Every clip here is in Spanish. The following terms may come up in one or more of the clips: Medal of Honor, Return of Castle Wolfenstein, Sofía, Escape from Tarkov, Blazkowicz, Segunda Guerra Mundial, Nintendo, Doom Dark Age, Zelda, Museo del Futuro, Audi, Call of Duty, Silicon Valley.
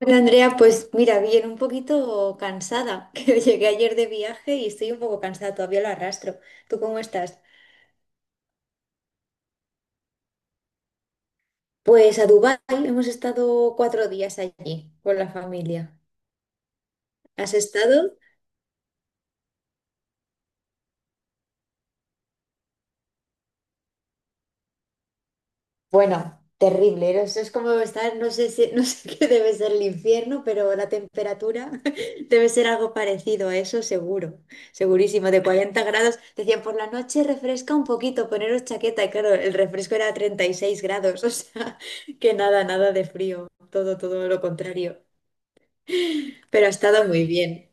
Hola Andrea, pues mira, bien, un poquito cansada, que llegué ayer de viaje y estoy un poco cansada, todavía lo arrastro. ¿Tú cómo estás? Pues a Dubái hemos estado 4 días allí con la familia. ¿Has estado? Bueno, terrible, ¿no? Eso es como estar, no sé si, no sé qué debe ser el infierno, pero la temperatura debe ser algo parecido a eso, seguro, segurísimo, de 40 grados. Decían, por la noche refresca un poquito, poneros chaqueta, y claro, el refresco era 36 grados, o sea, que nada, nada de frío, todo, todo lo contrario. Pero ha estado muy bien.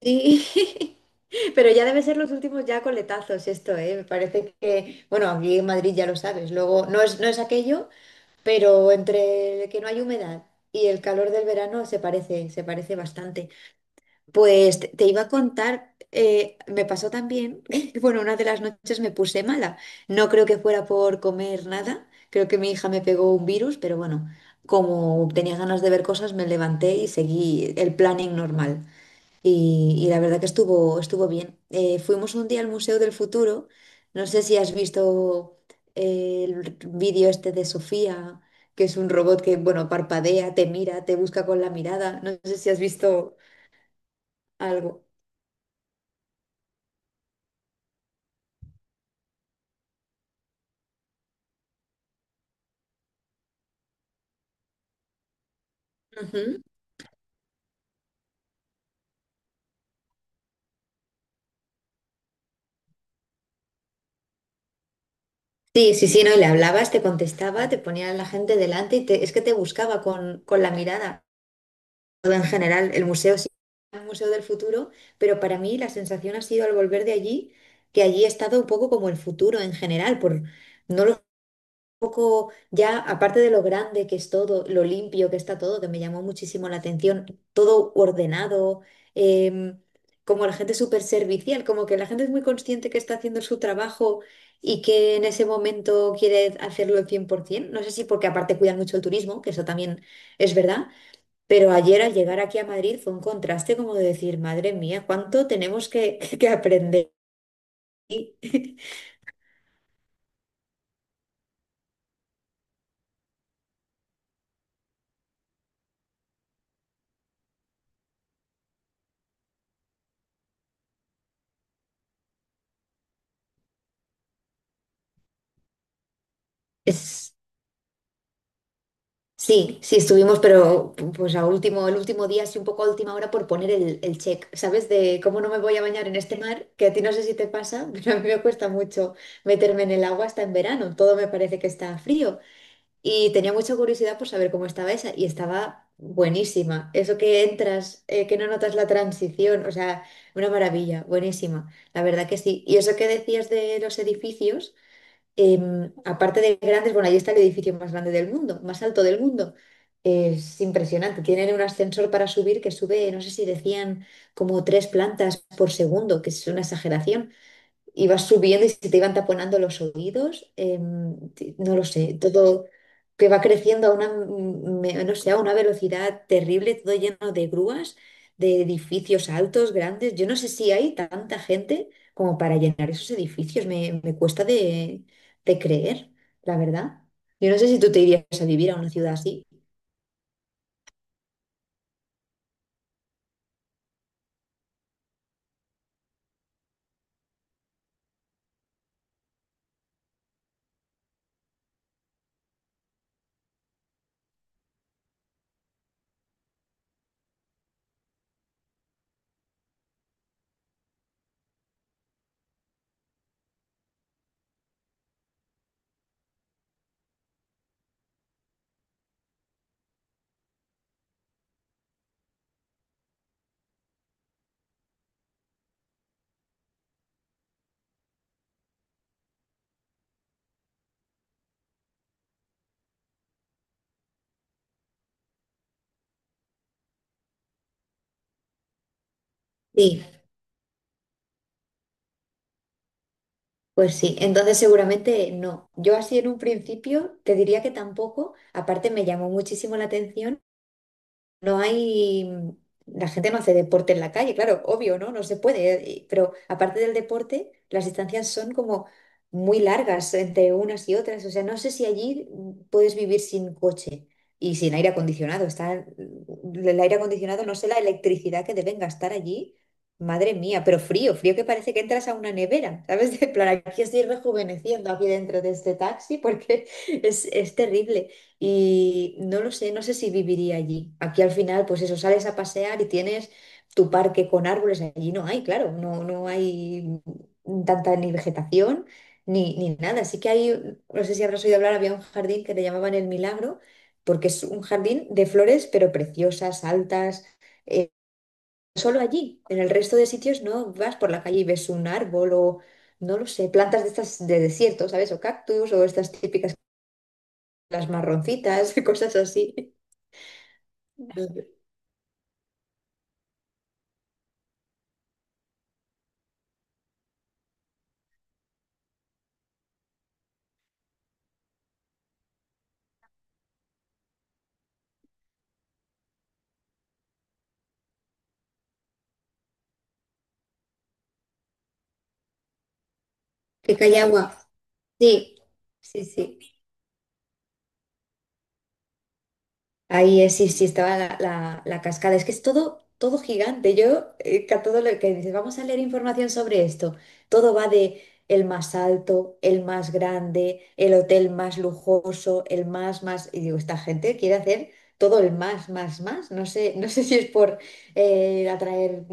Sí. Pero ya debe ser los últimos ya coletazos esto, ¿eh? Me parece que, bueno, aquí en Madrid ya lo sabes, luego no es aquello, pero entre el que no hay humedad y el calor del verano se parece bastante. Pues te iba a contar, me pasó también, bueno, una de las noches me puse mala. No creo que fuera por comer nada, creo que mi hija me pegó un virus, pero bueno, como tenía ganas de ver cosas, me levanté y seguí el planning normal. Y la verdad que estuvo bien. Fuimos un día al Museo del Futuro. No sé si has visto el vídeo este de Sofía, que es un robot que, bueno, parpadea, te mira, te busca con la mirada. No sé si has visto algo. Ujú. Sí, sí, sí, no, y le hablabas, te contestaba, te ponía a la gente delante y es que te buscaba con la mirada. En general el museo sí es un museo del futuro, pero para mí la sensación ha sido al volver de allí, que allí he estado un poco como el futuro en general, por no lo, un poco ya aparte de lo grande que es todo, lo limpio que está todo, que me llamó muchísimo la atención, todo ordenado, em, como la gente súper servicial, como que la gente es muy consciente que está haciendo su trabajo y que en ese momento quiere hacerlo al 100%. No sé si porque aparte cuidan mucho el turismo, que eso también es verdad, pero ayer al llegar aquí a Madrid fue un contraste como de decir, madre mía, ¿cuánto tenemos que, que aprender? Y Es, sí, sí estuvimos, pero pues a último, el último día, sí un poco a última hora por poner el check, ¿sabes? De cómo no me voy a bañar en este mar, que a ti no sé si te pasa, pero a mí me cuesta mucho meterme en el agua hasta en verano, todo me parece que está frío. Y tenía mucha curiosidad por saber cómo estaba esa y estaba buenísima. Eso que entras, que no notas la transición, o sea, una maravilla, buenísima. La verdad que sí. Y eso que decías de los edificios, aparte de grandes, bueno, ahí está el edificio más grande del mundo, más alto del mundo. Es impresionante. Tienen un ascensor para subir que sube, no sé si decían como tres plantas por segundo, que es una exageración. Ibas subiendo y se te iban taponando los oídos, no lo sé, todo que va creciendo a una, no sé, a una velocidad terrible, todo lleno de grúas, de edificios altos, grandes. Yo no sé si hay tanta gente como para llenar esos edificios, me cuesta de creer, la verdad. Yo no sé si tú te irías a vivir a una ciudad así. Sí, pues sí, entonces seguramente no. Yo así en un principio te diría que tampoco. Aparte me llamó muchísimo la atención. No hay, la gente no hace deporte en la calle, claro, obvio, ¿no? No se puede, pero aparte del deporte, las distancias son como muy largas entre unas y otras, o sea, no sé si allí puedes vivir sin coche y sin aire acondicionado. El aire acondicionado, no sé la electricidad que deben gastar allí, madre mía, pero frío, frío que parece que entras a una nevera, ¿sabes? De plan, aquí estoy rejuveneciendo aquí dentro de este taxi porque es terrible. Y no lo sé, no sé si viviría allí. Aquí al final, pues eso, sales a pasear y tienes tu parque con árboles. Allí no hay, claro, no, no hay tanta ni vegetación ni nada. No sé si habrás oído hablar, había un jardín que le llamaban El Milagro, porque es un jardín de flores, pero preciosas, altas. eh, Solo allí, en el resto de sitios no vas por la calle y ves un árbol o, no lo sé, plantas de estas de desierto, ¿sabes? O cactus o estas típicas, las marroncitas, cosas así de Callagua. Sí, sí, sí. Ahí es, sí, sí, estaba la cascada. Es que es todo, todo gigante. Yo, que a todo lo que dices, vamos a leer información sobre esto. Todo va de el más alto, el más grande, el hotel más lujoso, el más, más. Y digo, esta gente quiere hacer todo el más, más, más. No sé, no sé si es por atraer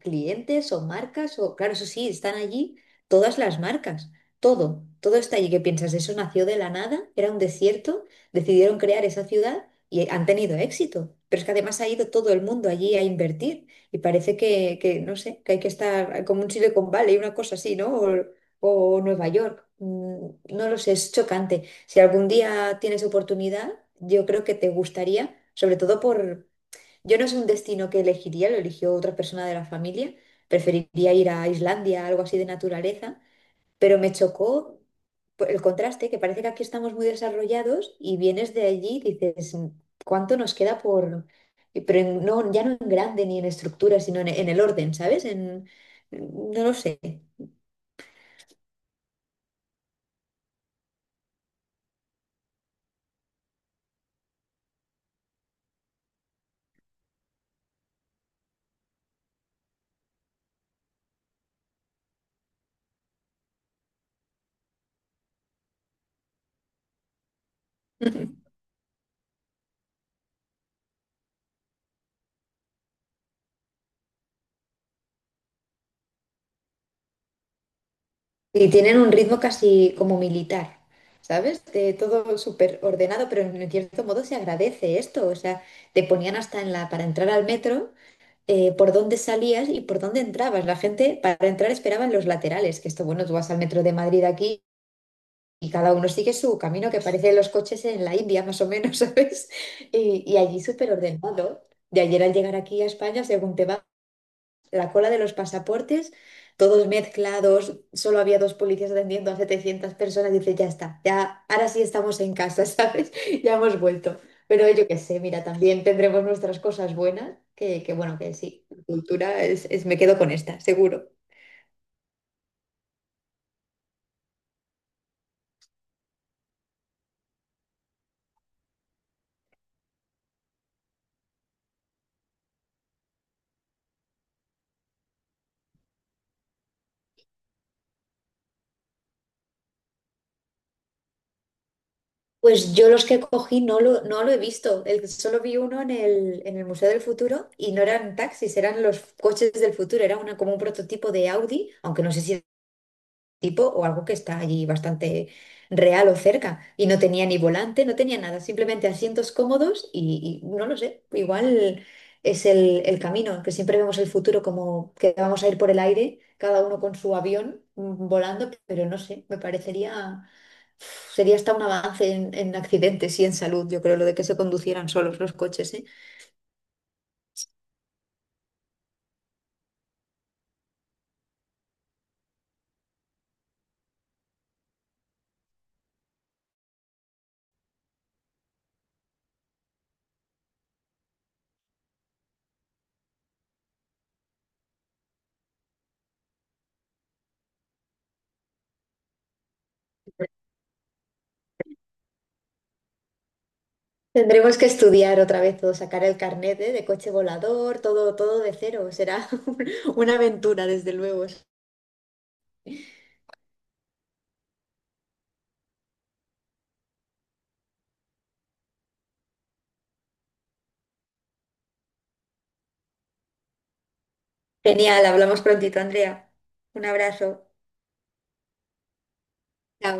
clientes o marcas o, claro, eso sí, están allí todas las marcas. Todo, todo está allí. ¿Qué piensas? ¿Eso nació de la nada? ¿Era un desierto? ¿Decidieron crear esa ciudad? Y han tenido éxito. Pero es que además ha ido todo el mundo allí a invertir y parece que, no sé, que hay que estar como un Silicon Valley, una cosa así, ¿no? O Nueva York. No lo sé, es chocante. Si algún día tienes oportunidad, yo creo que te gustaría, sobre todo por... Yo no, es un destino que elegiría, lo eligió otra persona de la familia. Preferiría ir a Islandia, algo así de naturaleza, pero me chocó por el contraste, que parece que aquí estamos muy desarrollados y vienes de allí y dices, ¿cuánto nos queda por...? Pero no, ya no en grande ni en estructura, sino en el orden, ¿sabes? No lo sé. Y tienen un ritmo casi como militar, ¿sabes? De todo súper ordenado, pero en cierto modo se agradece esto. O sea, te ponían hasta para entrar al metro. Por dónde salías y por dónde entrabas. La gente para entrar esperaba en los laterales, que esto, bueno, tú vas al metro de Madrid aquí y cada uno sigue su camino, que parece los coches en la India, más o menos, ¿sabes? Y allí súper ordenado. De ayer al llegar aquí a España, según te vas la cola de los pasaportes, todos mezclados, solo había dos policías atendiendo a 700 personas, dice, ya está, ya, ahora sí estamos en casa, ¿sabes? Ya hemos vuelto. Pero yo qué sé, mira, también tendremos nuestras cosas buenas, que bueno, que sí, la cultura es, me quedo con esta, seguro. Pues yo los que cogí no lo he visto, solo vi uno en el Museo del Futuro, y no eran taxis, eran los coches del futuro, era como un prototipo de Audi, aunque no sé si tipo o algo que está allí bastante real o cerca. Y no tenía ni volante, no tenía nada, simplemente asientos cómodos y no lo sé, igual es el camino. Que siempre vemos el futuro como que vamos a ir por el aire, cada uno con su avión volando, pero no sé, me parecería, sería hasta un avance en accidentes y en salud, yo creo, lo de que se conducieran solos los coches, ¿eh? Tendremos que estudiar otra vez todo, sacar el carnet, ¿eh?, de coche volador, todo, todo de cero. Será una aventura, desde luego. Genial, hablamos prontito, Andrea. Un abrazo. Chao.